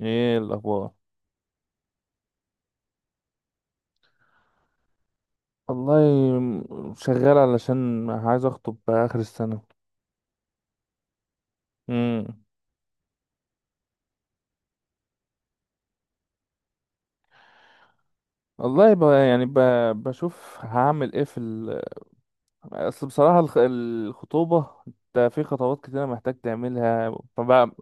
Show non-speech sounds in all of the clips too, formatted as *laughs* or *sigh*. ايه الاخبار؟ والله، شغال علشان عايز اخطب باخر السنه. امم. والله، بشوف هعمل ايه في اصل بصراحه الخطوبه، انت في خطوات كتيره محتاج تعملها فبقى.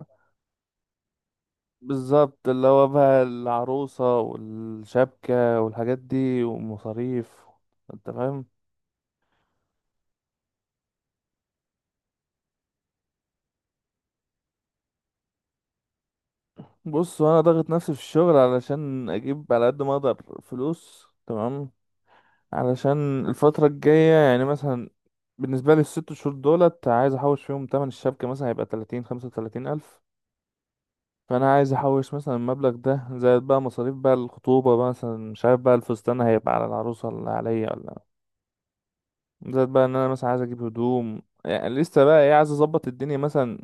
بالظبط، اللي هو بقى العروسه والشبكه والحاجات دي ومصاريف. انت فاهم. بص، انا ضاغط نفسي في الشغل علشان اجيب على قد ما اقدر فلوس، تمام. علشان الفترة الجاية يعني مثلا بالنسبة لي ال6 شهور دولت عايز أحوش فيهم تمن الشبكة، مثلا هيبقى 30، 35 ألف فأنا عايز أحوش مثلا المبلغ ده، زائد بقى مصاريف بقى الخطوبة بقى، مثلا مش عارف بقى الفستان هيبقى على العروسة ولا عليا، ولا زائد بقى إن أنا مثلا عايز أجيب هدوم، يعني لسه بقى إيه، عايز أظبط الدنيا مثلا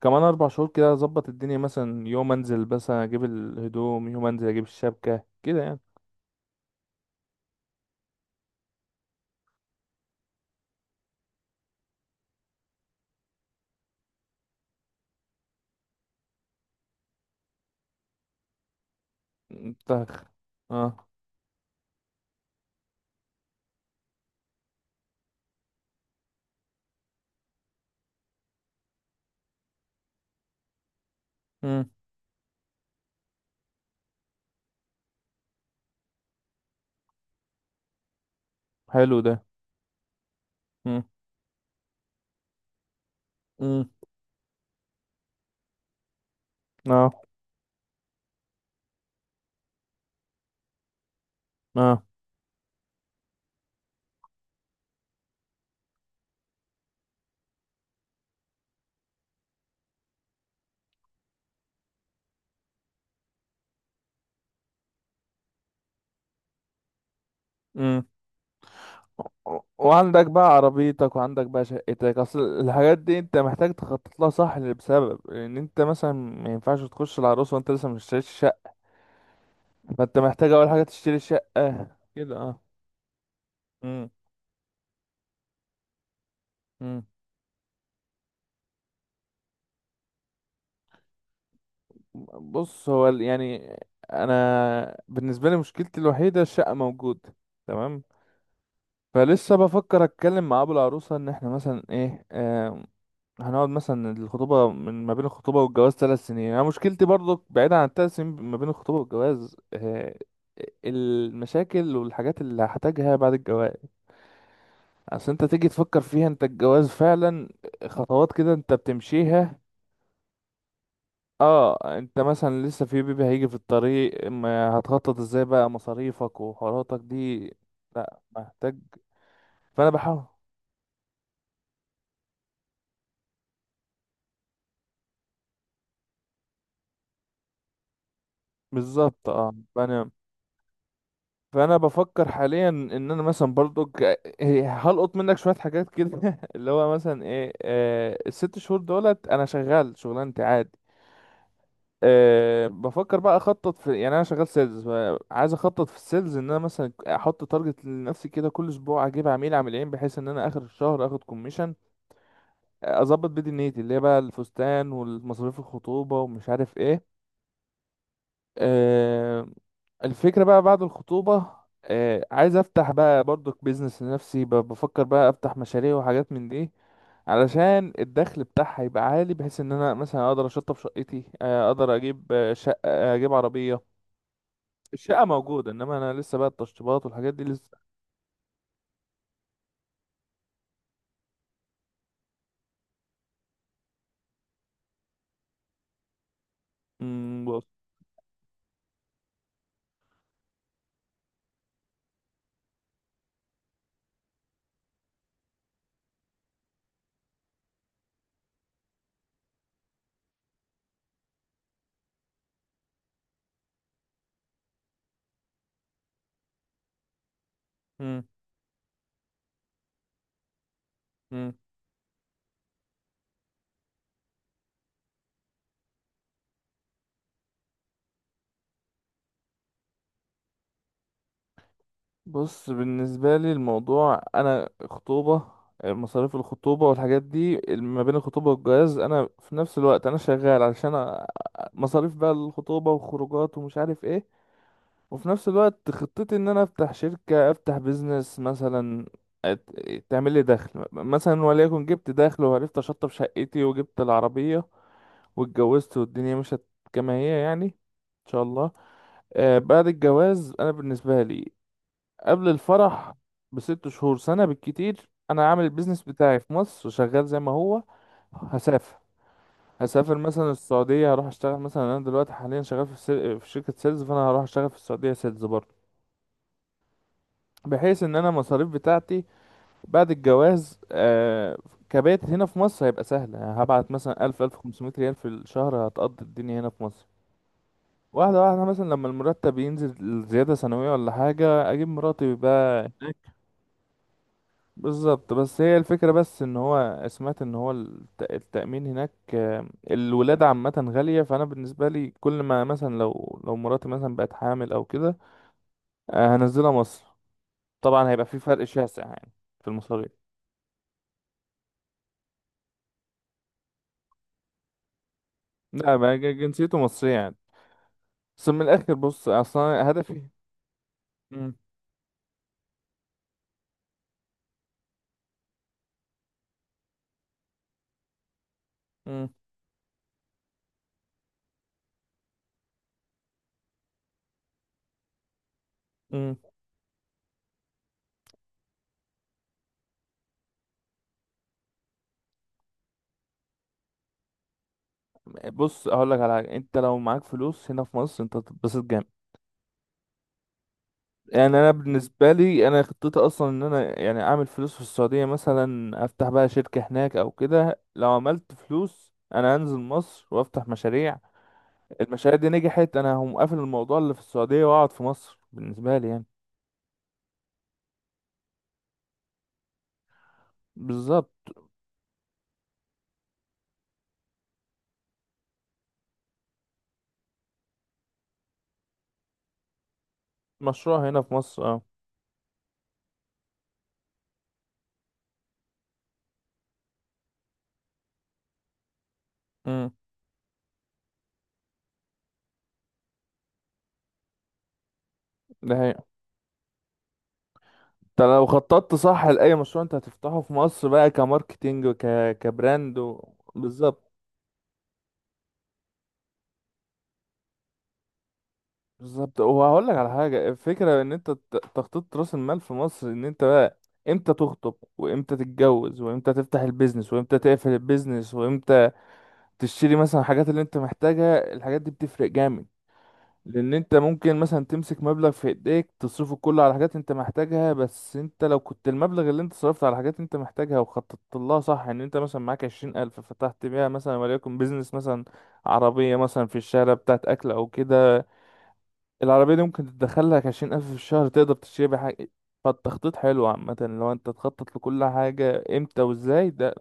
كمان 4 شهور كده. أظبط الدنيا مثلا يوم أنزل مثلا أجيب الهدوم، يوم أنزل أجيب الشبكة كده يعني. أنت- اه. امم. حلو ده. امم. امم. اه. امم. وعندك بقى عربيتك وعندك بقى شقتك، اصل الحاجات دي انت محتاج تخطط لها، صح، بسبب ان انت مثلا ما ينفعش تخش العروسه وانت لسه ما اشتريتش شقه. فانت محتاج اول حاجه تشتري شقه كده، اه. امم. امم. بص، هو يعني انا بالنسبه لي مشكلتي الوحيده الشقه موجوده، تمام. فلسه بفكر اتكلم مع ابو العروسه ان احنا مثلا ايه، هنقعد مثلا الخطوبة من ما بين الخطوبة والجواز 3 سنين. أنا مشكلتي برضو بعيدا عن ال3 سنين ما بين الخطوبة والجواز، آه، المشاكل والحاجات اللي هحتاجها بعد الجواز. أصل أنت تيجي تفكر فيها، أنت الجواز فعلا خطوات كده أنت بتمشيها. اه، انت مثلا لسه في بيبي هيجي في الطريق، ما هتخطط ازاي بقى مصاريفك وحواراتك دي. لا، محتاج. فانا بحاول. بالظبط، اه، فانا، فانا بفكر حاليا ان انا مثلا برضو هلقط منك شويه حاجات كده *laughs* اللي هو مثلا ايه، آه ال6 شهور دولت انا شغال شغلانتي عادي. آه، بفكر بقى اخطط في، يعني انا شغال سيلز، عايز اخطط في السيلز ان انا مثلا احط تارجت لنفسي كده، كل اسبوع اجيب عميل، عميلين، بحيث ان انا اخر الشهر اخد كوميشن اظبط بيه دنيتي اللي هي بقى الفستان والمصاريف الخطوبه ومش عارف ايه. آه، الفكرة بقى بعد الخطوبة، آه، عايز افتح بقى برضك بيزنس لنفسي، بفكر بقى افتح مشاريع وحاجات من دي علشان الدخل بتاعها يبقى عالي، بحيث ان انا مثلا اقدر اشطب شقتي، آه، اقدر اجيب، آه، شقة، اجيب عربية. الشقة موجودة، انما انا لسه بقى التشطيبات والحاجات دي لسه. مم، بص. مم، مم. بص، بالنسبة لي الموضوع، أنا خطوبة، مصاريف الخطوبة والحاجات دي ما بين الخطوبة والجواز، أنا في نفس الوقت أنا شغال علشان مصاريف بقى الخطوبة وخروجات ومش عارف إيه. وفي نفس الوقت خطتي إن أنا أفتح شركة، أفتح بيزنس مثلا، تعمل لي دخل مثلا، وليكن جبت دخل وعرفت أشطب شقتي وجبت العربية واتجوزت والدنيا مشت كما هي يعني إن شاء الله. آه بعد الجواز أنا بالنسبة لي قبل الفرح ب6 شهور، سنة بالكتير، أنا عامل البيزنس بتاعي في مصر شغال زي ما هو. هسافر. هسافر مثلا السعودية، هروح أشتغل مثلا. أنا دلوقتي حاليا شغال في، في شركة سيلز، فأنا هروح أشتغل في السعودية سيلز برضه، بحيث إن أنا المصاريف بتاعتي بعد الجواز آه، كبيت هنا في مصر هيبقى سهل، يعني هبعت مثلا 1000، 1500 ريال في الشهر هتقضي الدنيا هنا في مصر. واحدة واحدة، مثلا لما المرتب ينزل زيادة سنوية ولا حاجة أجيب مراتي بقى. بالظبط، بس هي الفكرة، بس ان هو سمعت ان هو التأمين هناك، آه، الولادة عامة غالية، فانا بالنسبة لي كل ما مثلا لو مراتي مثلا بقت حامل او كده، آه، هنزلها مصر. طبعا هيبقى في فرق شاسع يعني في المصاريف. لا بقى، جنسيته مصرية يعني. بس من الاخر، بص اصلا هدفي. مم. مم. مم. بص، اقول لك على حاجة، انت لو معاك فلوس هنا في مصر انت هتتبسط جامد. يعني انا بالنسبه لي انا خطتي اصلا ان انا يعني اعمل فلوس في السعوديه مثلا، افتح بقى شركه هناك او كده. لو عملت فلوس انا هنزل مصر وافتح مشاريع. المشاريع دي نجحت انا هقوم قافل الموضوع اللي في السعوديه واقعد في مصر، بالنسبه لي يعني. بالظبط. مشروع هنا في مصر، اه. امم. ده هي. انت لو خططت صح لاي مشروع انت هتفتحه في مصر بقى، كماركتينج وك، كبراند و... بالظبط. بالظبط، وهقول لك على حاجه، الفكره ان انت تخطيط راس المال في مصر، ان انت بقى امتى تخطب وامتى تتجوز وامتى تفتح البيزنس وامتى تقفل البيزنس وامتى تشتري مثلا الحاجات اللي انت محتاجها، الحاجات دي بتفرق جامد. لان انت ممكن مثلا تمسك مبلغ في ايديك تصرفه كله على حاجات انت محتاجها، بس انت لو كنت المبلغ اللي انت صرفته على حاجات انت محتاجها وخططت لها صح ان انت مثلا معاك 20 الف فتحت بيها مثلا وليكن بيزنس، مثلا عربية مثلا في الشارع بتاعت اكل او كده. العربية دي ممكن تدخلك 20 ألف في الشهر، تقدر تشتري بيها حاجة. فالتخطيط حلو عامة، لو أنت تخطط لكل حاجة إمتى وإزاي ده.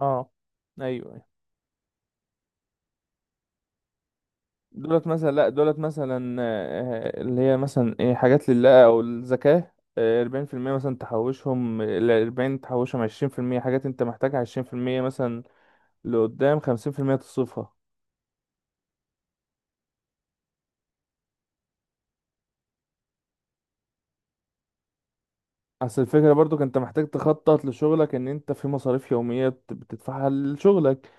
أه. أيوه، أيوة. دولت مثلا، لأ دولت مثلا آه، اللي هي مثلا إيه حاجات لله أو الزكاة. آه، 40 في المية مثلا تحوشهم، الأربعين تحوشهم 20 في المية حاجات أنت محتاجها، 20 في المية مثلا لقدام، 50 في المية تصرفها. اصل الفكرة برضو انت محتاج تخطط لشغلك، ان انت في مصاريف يومية بتدفعها لشغلك.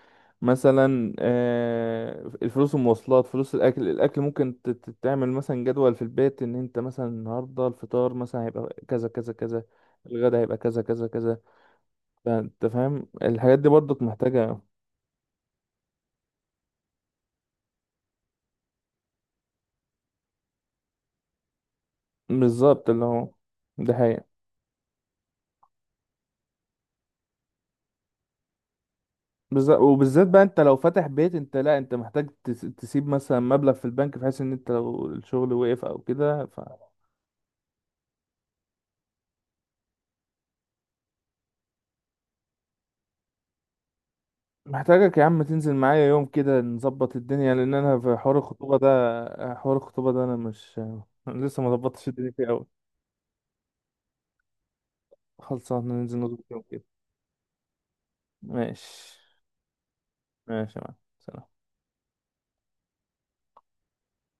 مثلا آه، الفلوس المواصلات، فلوس الاكل، الاكل ممكن تعمل مثلا جدول في البيت، ان انت مثلا النهاردة الفطار مثلا هيبقى كذا كذا كذا، الغدا هيبقى كذا كذا كذا. فانت فاهم الحاجات دي برضو محتاجة. بالظبط، اللي هو ده حقيقة. بالظبط، وبالذات بقى انت لو فاتح بيت، انت لا، انت محتاج تسيب مثلا مبلغ في البنك، بحيث ان انت لو الشغل وقف او كده. محتاجك يا عم تنزل معايا يوم كده نظبط الدنيا، لان انا في حوار الخطوبة ده، حوار الخطوبة ده انا مش لسه، ما ظبطتش الدنيا فيه قوي. خلصان ننزل نظبط يوم كده. ماشي. ماشي يا معلم، سلام.